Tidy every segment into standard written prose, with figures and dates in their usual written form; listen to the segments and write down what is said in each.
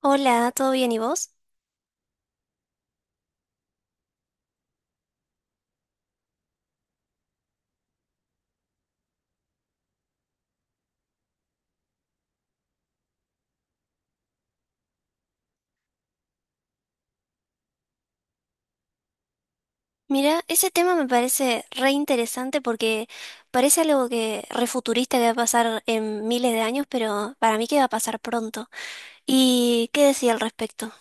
Hola, ¿todo bien y vos? Mira, ese tema me parece re interesante porque parece algo que refuturista que va a pasar en miles de años, pero para mí que va a pasar pronto. ¿Y qué decía al respecto?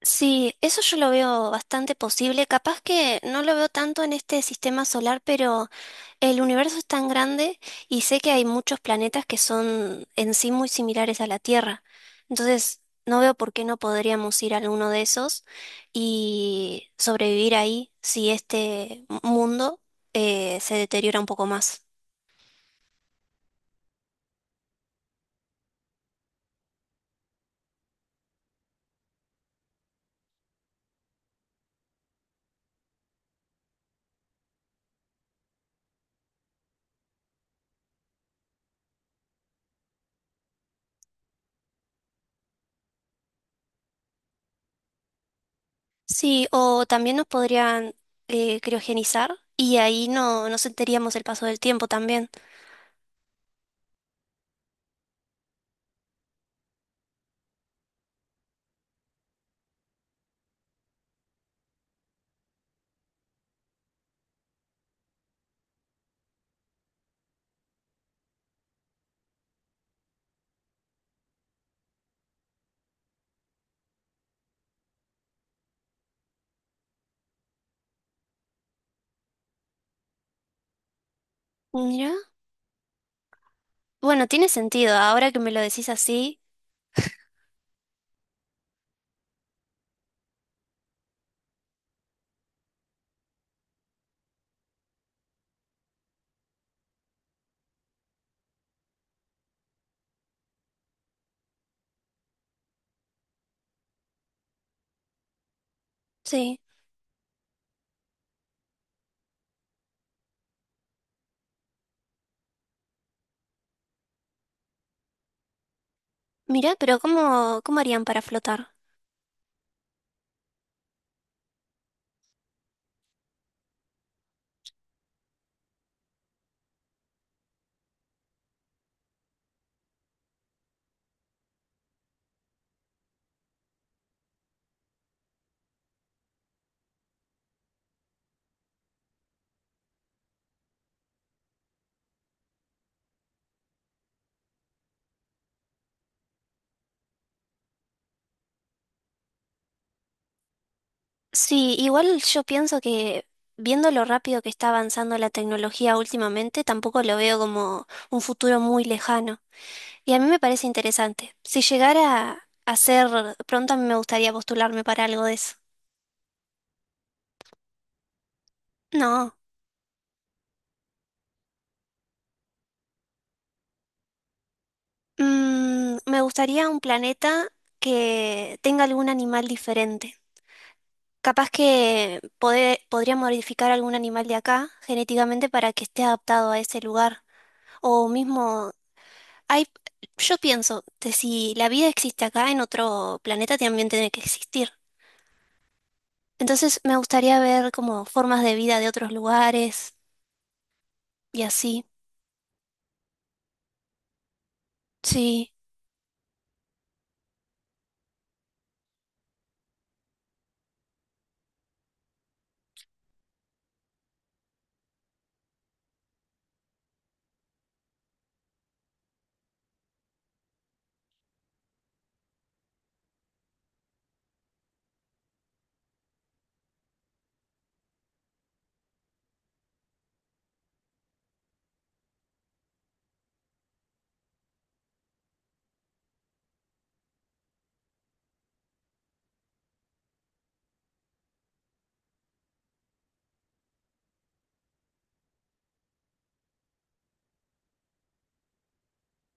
Sí, eso yo lo veo bastante posible. Capaz que no lo veo tanto en este sistema solar, pero el universo es tan grande y sé que hay muchos planetas que son en sí muy similares a la Tierra. Entonces, no veo por qué no podríamos ir a alguno de esos y sobrevivir ahí si este mundo se deteriora un poco más. Sí, o también nos podrían criogenizar y ahí no sentiríamos el paso del tiempo también. Mira, bueno, tiene sentido, ahora que me lo decís así, sí. Mira, pero ¿cómo harían para flotar? Sí, igual yo pienso que viendo lo rápido que está avanzando la tecnología últimamente, tampoco lo veo como un futuro muy lejano. Y a mí me parece interesante. Si llegara a ser pronto, a mí me gustaría postularme para algo de eso. No, mm, me gustaría un planeta que tenga algún animal diferente. Capaz que podría modificar algún animal de acá genéticamente para que esté adaptado a ese lugar. O mismo hay, yo pienso que si la vida existe acá, en otro planeta también tiene que existir. Entonces me gustaría ver como formas de vida de otros lugares y así. Sí,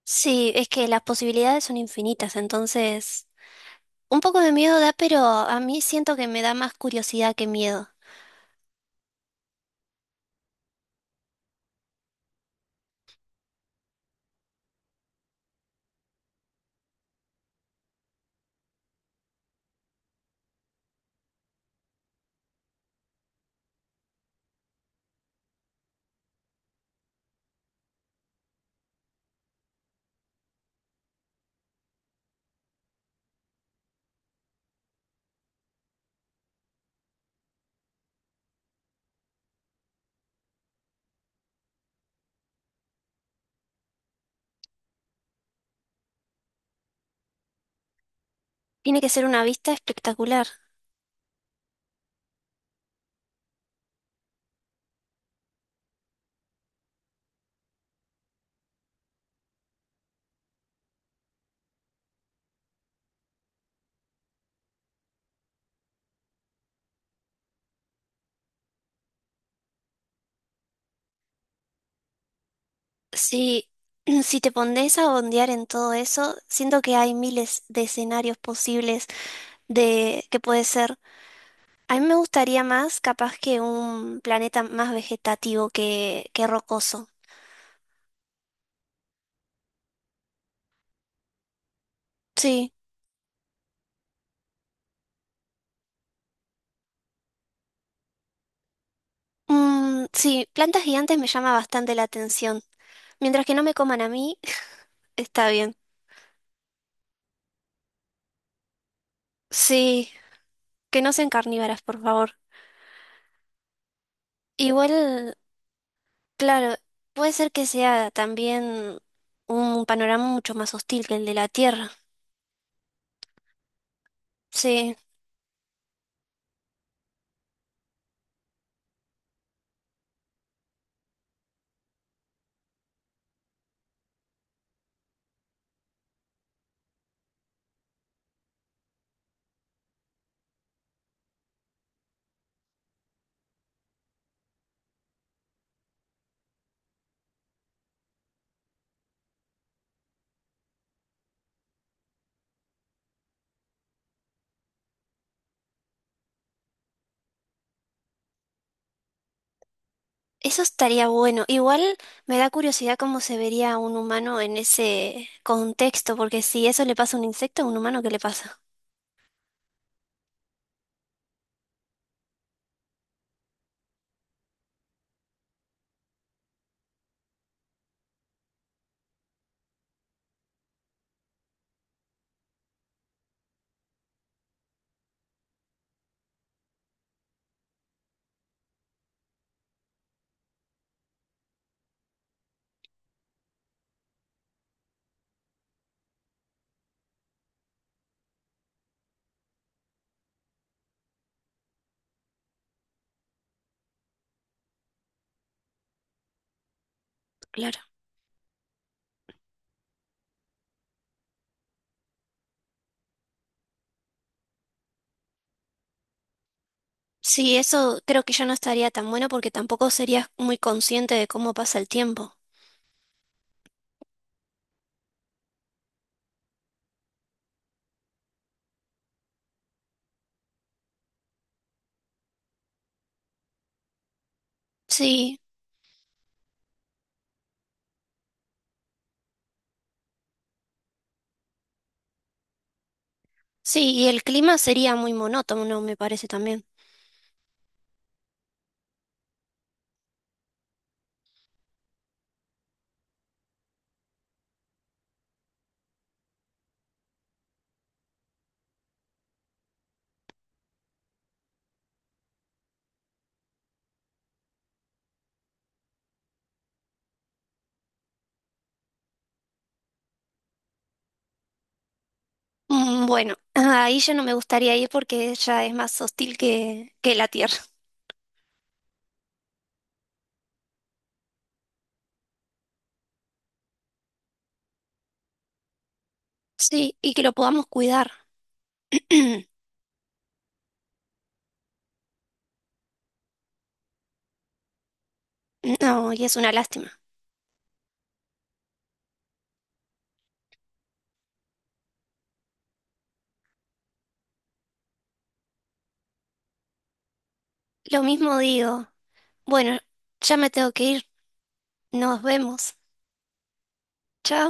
sí, es que las posibilidades son infinitas, entonces un poco de miedo da, pero a mí siento que me da más curiosidad que miedo. Tiene que ser una vista espectacular. Sí, si te pones a bondear en todo eso, siento que hay miles de escenarios posibles de que puede ser. A mí me gustaría más, capaz que un planeta más vegetativo que rocoso. Sí. Mm, sí, plantas gigantes me llama bastante la atención. Mientras que no me coman a mí, está bien. Sí, que no sean carnívoras, por favor. Igual, claro, puede ser que sea también un panorama mucho más hostil que el de la Tierra. Sí. Eso estaría bueno. Igual me da curiosidad cómo se vería un humano en ese contexto, porque si eso le pasa a un insecto, a un humano, ¿qué le pasa? Claro. Sí, eso creo que ya no estaría tan bueno porque tampoco serías muy consciente de cómo pasa el tiempo. Sí, sí, y el clima sería muy monótono, ¿no? Me parece también. Mm, bueno, ahí ya no me gustaría ir porque ella es más hostil que la Tierra. Sí, y que lo podamos cuidar. No, y es una lástima. Lo mismo digo. Bueno, ya me tengo que ir. Nos vemos. Chao.